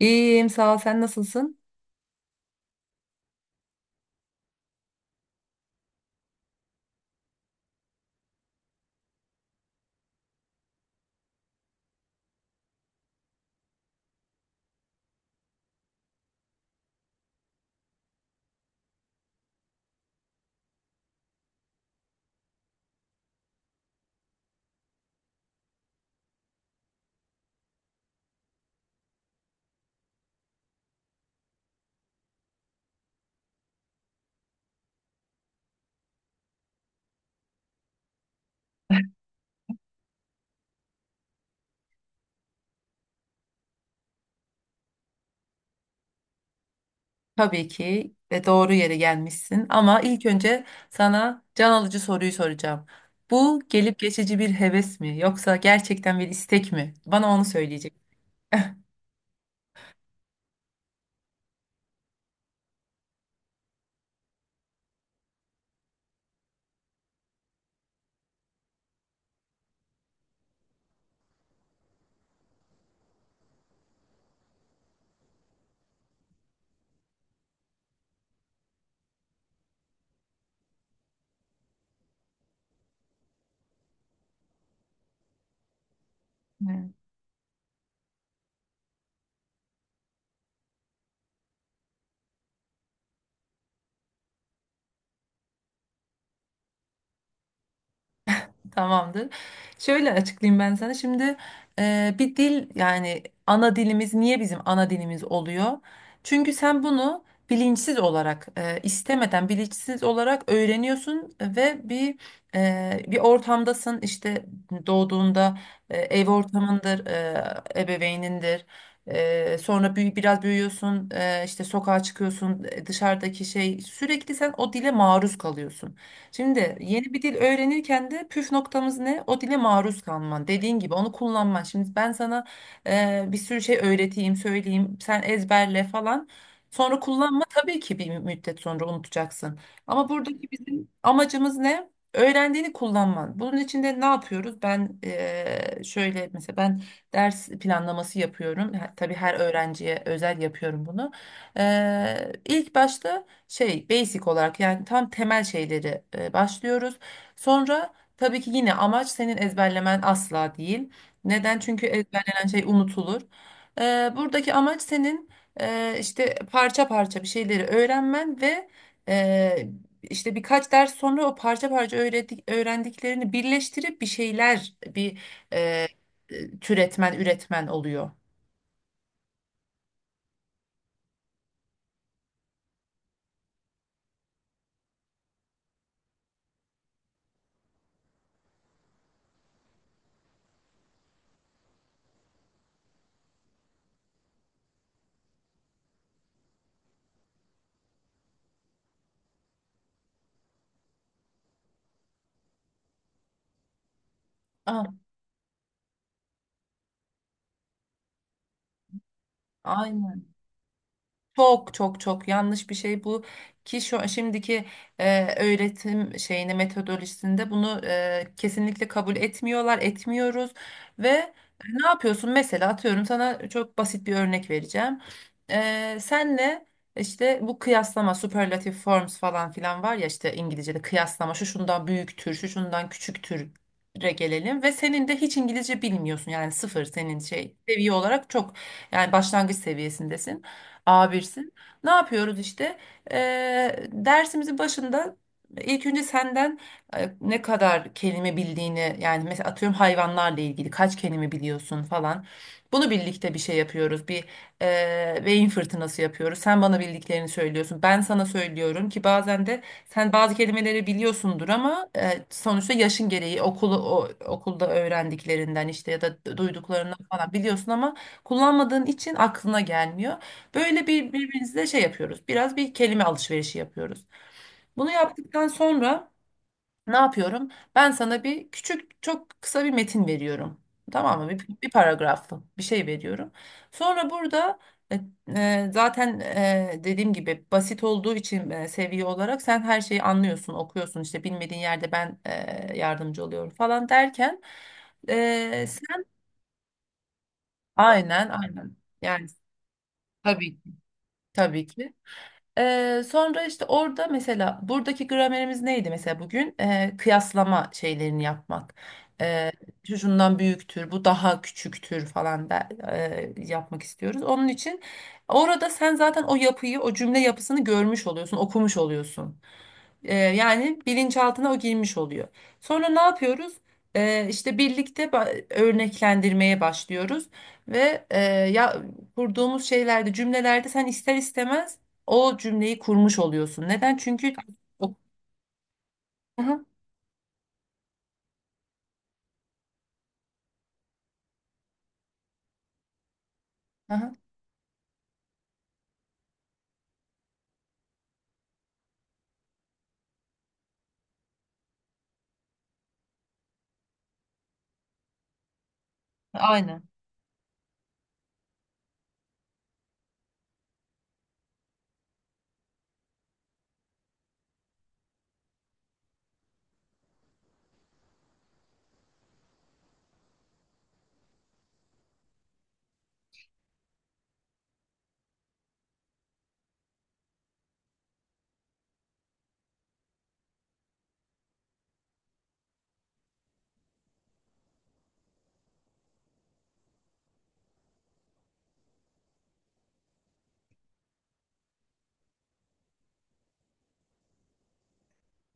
İyiyim, sağ ol. Sen nasılsın? Tabii ki ve doğru yere gelmişsin. Ama ilk önce sana can alıcı soruyu soracağım. Bu gelip geçici bir heves mi yoksa gerçekten bir istek mi? Bana onu söyleyecek. Tamamdır. Şöyle açıklayayım ben sana. Şimdi bir dil yani ana dilimiz niye bizim ana dilimiz oluyor? Çünkü sen bunu bilinçsiz olarak istemeden bilinçsiz olarak öğreniyorsun ve bir ortamdasın. İşte doğduğunda ev ortamındır, ebeveynindir. Sonra biraz büyüyorsun, işte sokağa çıkıyorsun, dışarıdaki şey sürekli sen o dile maruz kalıyorsun. Şimdi yeni bir dil öğrenirken de püf noktamız ne? O dile maruz kalman. Dediğin gibi onu kullanman. Şimdi ben sana bir sürü şey öğreteyim, söyleyeyim, sen ezberle falan. Sonra kullanma tabii ki bir müddet sonra unutacaksın. Ama buradaki bizim amacımız ne? Öğrendiğini kullanman. Bunun için de ne yapıyoruz? Ben şöyle mesela ben ders planlaması yapıyorum. Tabii her öğrenciye özel yapıyorum bunu. İlk başta şey basic olarak yani tam temel şeyleri başlıyoruz. Sonra tabii ki yine amaç senin ezberlemen asla değil. Neden? Çünkü ezberlenen şey unutulur. Buradaki amaç senin işte parça parça bir şeyleri öğrenmen ve e, işte birkaç ders sonra o parça parça öğrendiklerini birleştirip bir şeyler e, türetmen, üretmen oluyor. Ah, aynen. Çok çok çok yanlış bir şey bu ki şu şimdiki öğretim şeyini metodolojisinde bunu kesinlikle kabul etmiyorlar, etmiyoruz ve ne yapıyorsun? Mesela atıyorum sana çok basit bir örnek vereceğim. Senle işte bu kıyaslama, superlative forms falan filan var ya işte İngilizce'de kıyaslama şu şundan büyüktür, şu şundan küçüktür gelelim ve senin de hiç İngilizce bilmiyorsun yani sıfır senin şey seviye olarak çok yani başlangıç seviyesindesin. A1'sin. Ne yapıyoruz işte? Dersimizin başında ilk önce senden ne kadar kelime bildiğini yani mesela atıyorum hayvanlarla ilgili kaç kelime biliyorsun falan. Bunu birlikte bir şey yapıyoruz. Bir beyin fırtınası yapıyoruz. Sen bana bildiklerini söylüyorsun. Ben sana söylüyorum ki bazen de sen bazı kelimeleri biliyorsundur ama sonuçta yaşın gereği okulda öğrendiklerinden işte ya da duyduklarından falan biliyorsun ama kullanmadığın için aklına gelmiyor. Böyle bir birbirimizle şey yapıyoruz. Biraz bir kelime alışverişi yapıyoruz. Bunu yaptıktan sonra ne yapıyorum? Ben sana bir küçük, çok kısa bir metin veriyorum. Tamam mı? Bir paragraflı bir şey veriyorum. Sonra burada e, zaten dediğim gibi basit olduğu için seviye olarak sen her şeyi anlıyorsun, okuyorsun. İşte bilmediğin yerde ben yardımcı oluyorum falan derken sen aynen, aynen. Yani tabii ki, tabii ki. Sonra işte orada mesela buradaki gramerimiz neydi mesela bugün? Kıyaslama şeylerini yapmak. Ee, Şu şundan büyüktür, bu daha küçüktür falan da yapmak istiyoruz. Onun için orada sen zaten o yapıyı, o cümle yapısını görmüş oluyorsun, okumuş oluyorsun. Yani bilinçaltına o girmiş oluyor. Sonra ne yapıyoruz? İşte birlikte örneklendirmeye başlıyoruz ve ya kurduğumuz şeylerde, cümlelerde sen ister istemez o cümleyi kurmuş oluyorsun. Neden? Çünkü o- Aha, aha, aynen.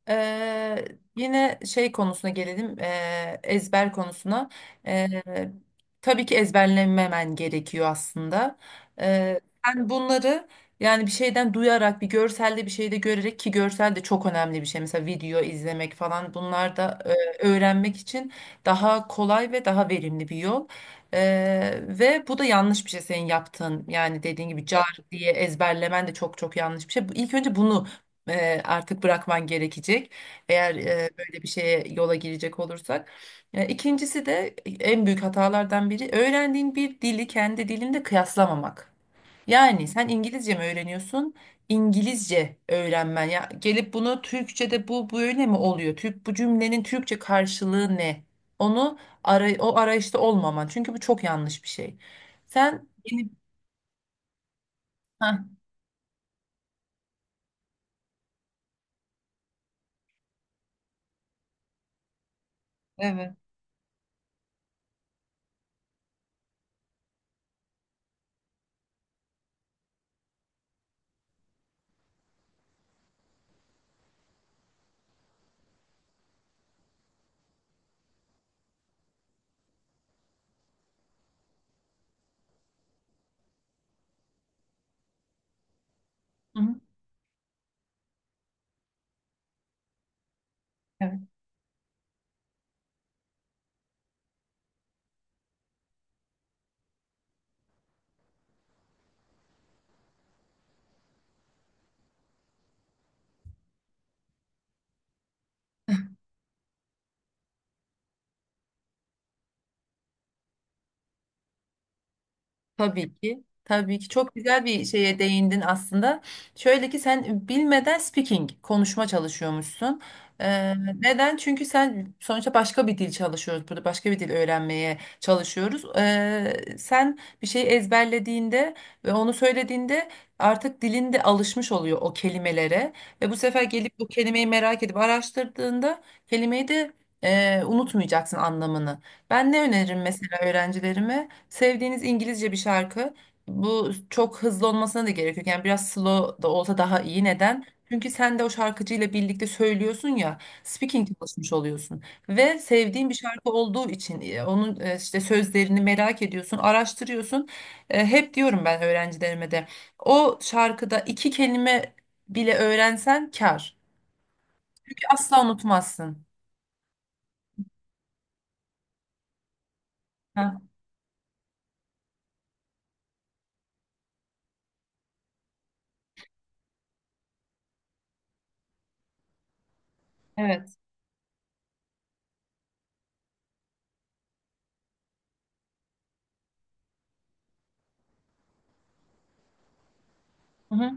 Eee, yine şey konusuna gelelim, ezber konusuna. Eee, tabii ki ezberlememen gerekiyor aslında. Eee sen bunları yani bir şeyden duyarak, bir görselde bir şeyde görerek ki görsel de çok önemli bir şey. Mesela video izlemek falan bunlar da öğrenmek için daha kolay ve daha verimli bir yol. Ve bu da yanlış bir şey senin yaptığın. Yani dediğin gibi car diye ezberlemen de çok çok yanlış bir şey. İlk önce bunu artık bırakman gerekecek. Eğer böyle bir şeye yola girecek olursak. İkincisi de en büyük hatalardan biri öğrendiğin bir dili kendi dilinde kıyaslamamak. Yani sen İngilizce mi öğreniyorsun? İngilizce öğrenmen ya gelip bunu Türkçe'de bu böyle mi oluyor? Bu cümlenin Türkçe karşılığı ne? Onu ara, o arayışta olmaman. Çünkü bu çok yanlış bir şey. Sen yeni Hah, evet. Hı hı. Tabii ki. Tabii ki çok güzel bir şeye değindin aslında. Şöyle ki sen bilmeden speaking, konuşma çalışıyormuşsun. Neden? Çünkü sen sonuçta başka bir dil çalışıyoruz burada. Başka bir dil öğrenmeye çalışıyoruz. Sen bir şeyi ezberlediğinde ve onu söylediğinde artık dilin de alışmış oluyor o kelimelere. Ve bu sefer gelip o kelimeyi merak edip araştırdığında kelimeyi de unutmayacaksın anlamını. Ben ne öneririm mesela öğrencilerime? Sevdiğiniz İngilizce bir şarkı. Bu çok hızlı olmasına da gerek yok. Yani biraz slow da olsa daha iyi. Neden? Çünkü sen de o şarkıcıyla birlikte söylüyorsun ya, speaking çalışmış oluyorsun. Ve sevdiğin bir şarkı olduğu için onun işte sözlerini merak ediyorsun, araştırıyorsun. Hep diyorum ben öğrencilerime de o şarkıda iki kelime bile öğrensen kâr. Asla unutmazsın. Ha, evet. Hı hı.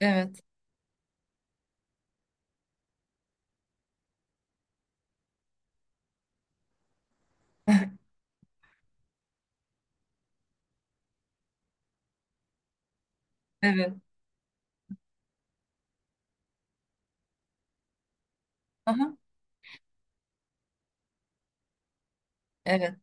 Evet. Evet. Aha, evet.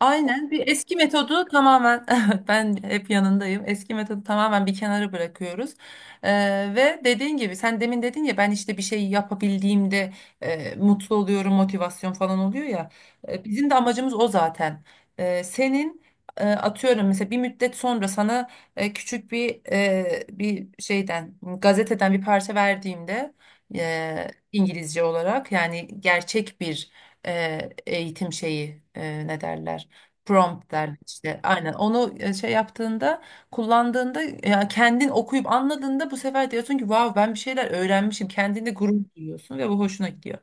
Aynen bir eski metodu tamamen ben hep yanındayım. Eski metodu tamamen bir kenara bırakıyoruz. Ve dediğin gibi sen demin dedin ya ben işte bir şey yapabildiğimde mutlu oluyorum, motivasyon falan oluyor ya. Bizim de amacımız o zaten. Senin atıyorum mesela bir müddet sonra sana küçük bir şeyden gazeteden bir parça verdiğimde İngilizce olarak yani gerçek e, eğitim şeyi ne derler? Prompt derler işte. Aynen. Onu şey yaptığında, kullandığında ya kendin okuyup anladığında bu sefer diyorsun ki vav ben bir şeyler öğrenmişim. Kendinde gurur duyuyorsun ve bu hoşuna gidiyor.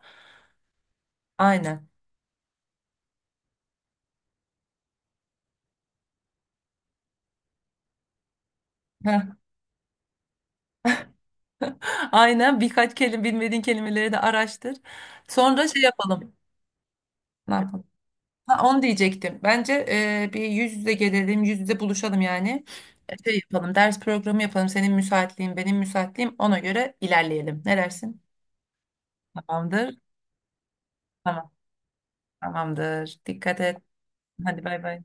Aynen. Heh. Aynen. Birkaç kelime bilmediğin kelimeleri de araştır. Sonra şey yapalım. Ne yapalım? Ha, onu diyecektim. Bence bir yüz yüze gelelim, yüz yüze buluşalım yani. Şey yapalım, ders programı yapalım. Senin müsaitliğin, benim müsaitliğim. Ona göre ilerleyelim. Ne dersin? Tamamdır. Tamam. Tamamdır. Dikkat et. Hadi bay bay.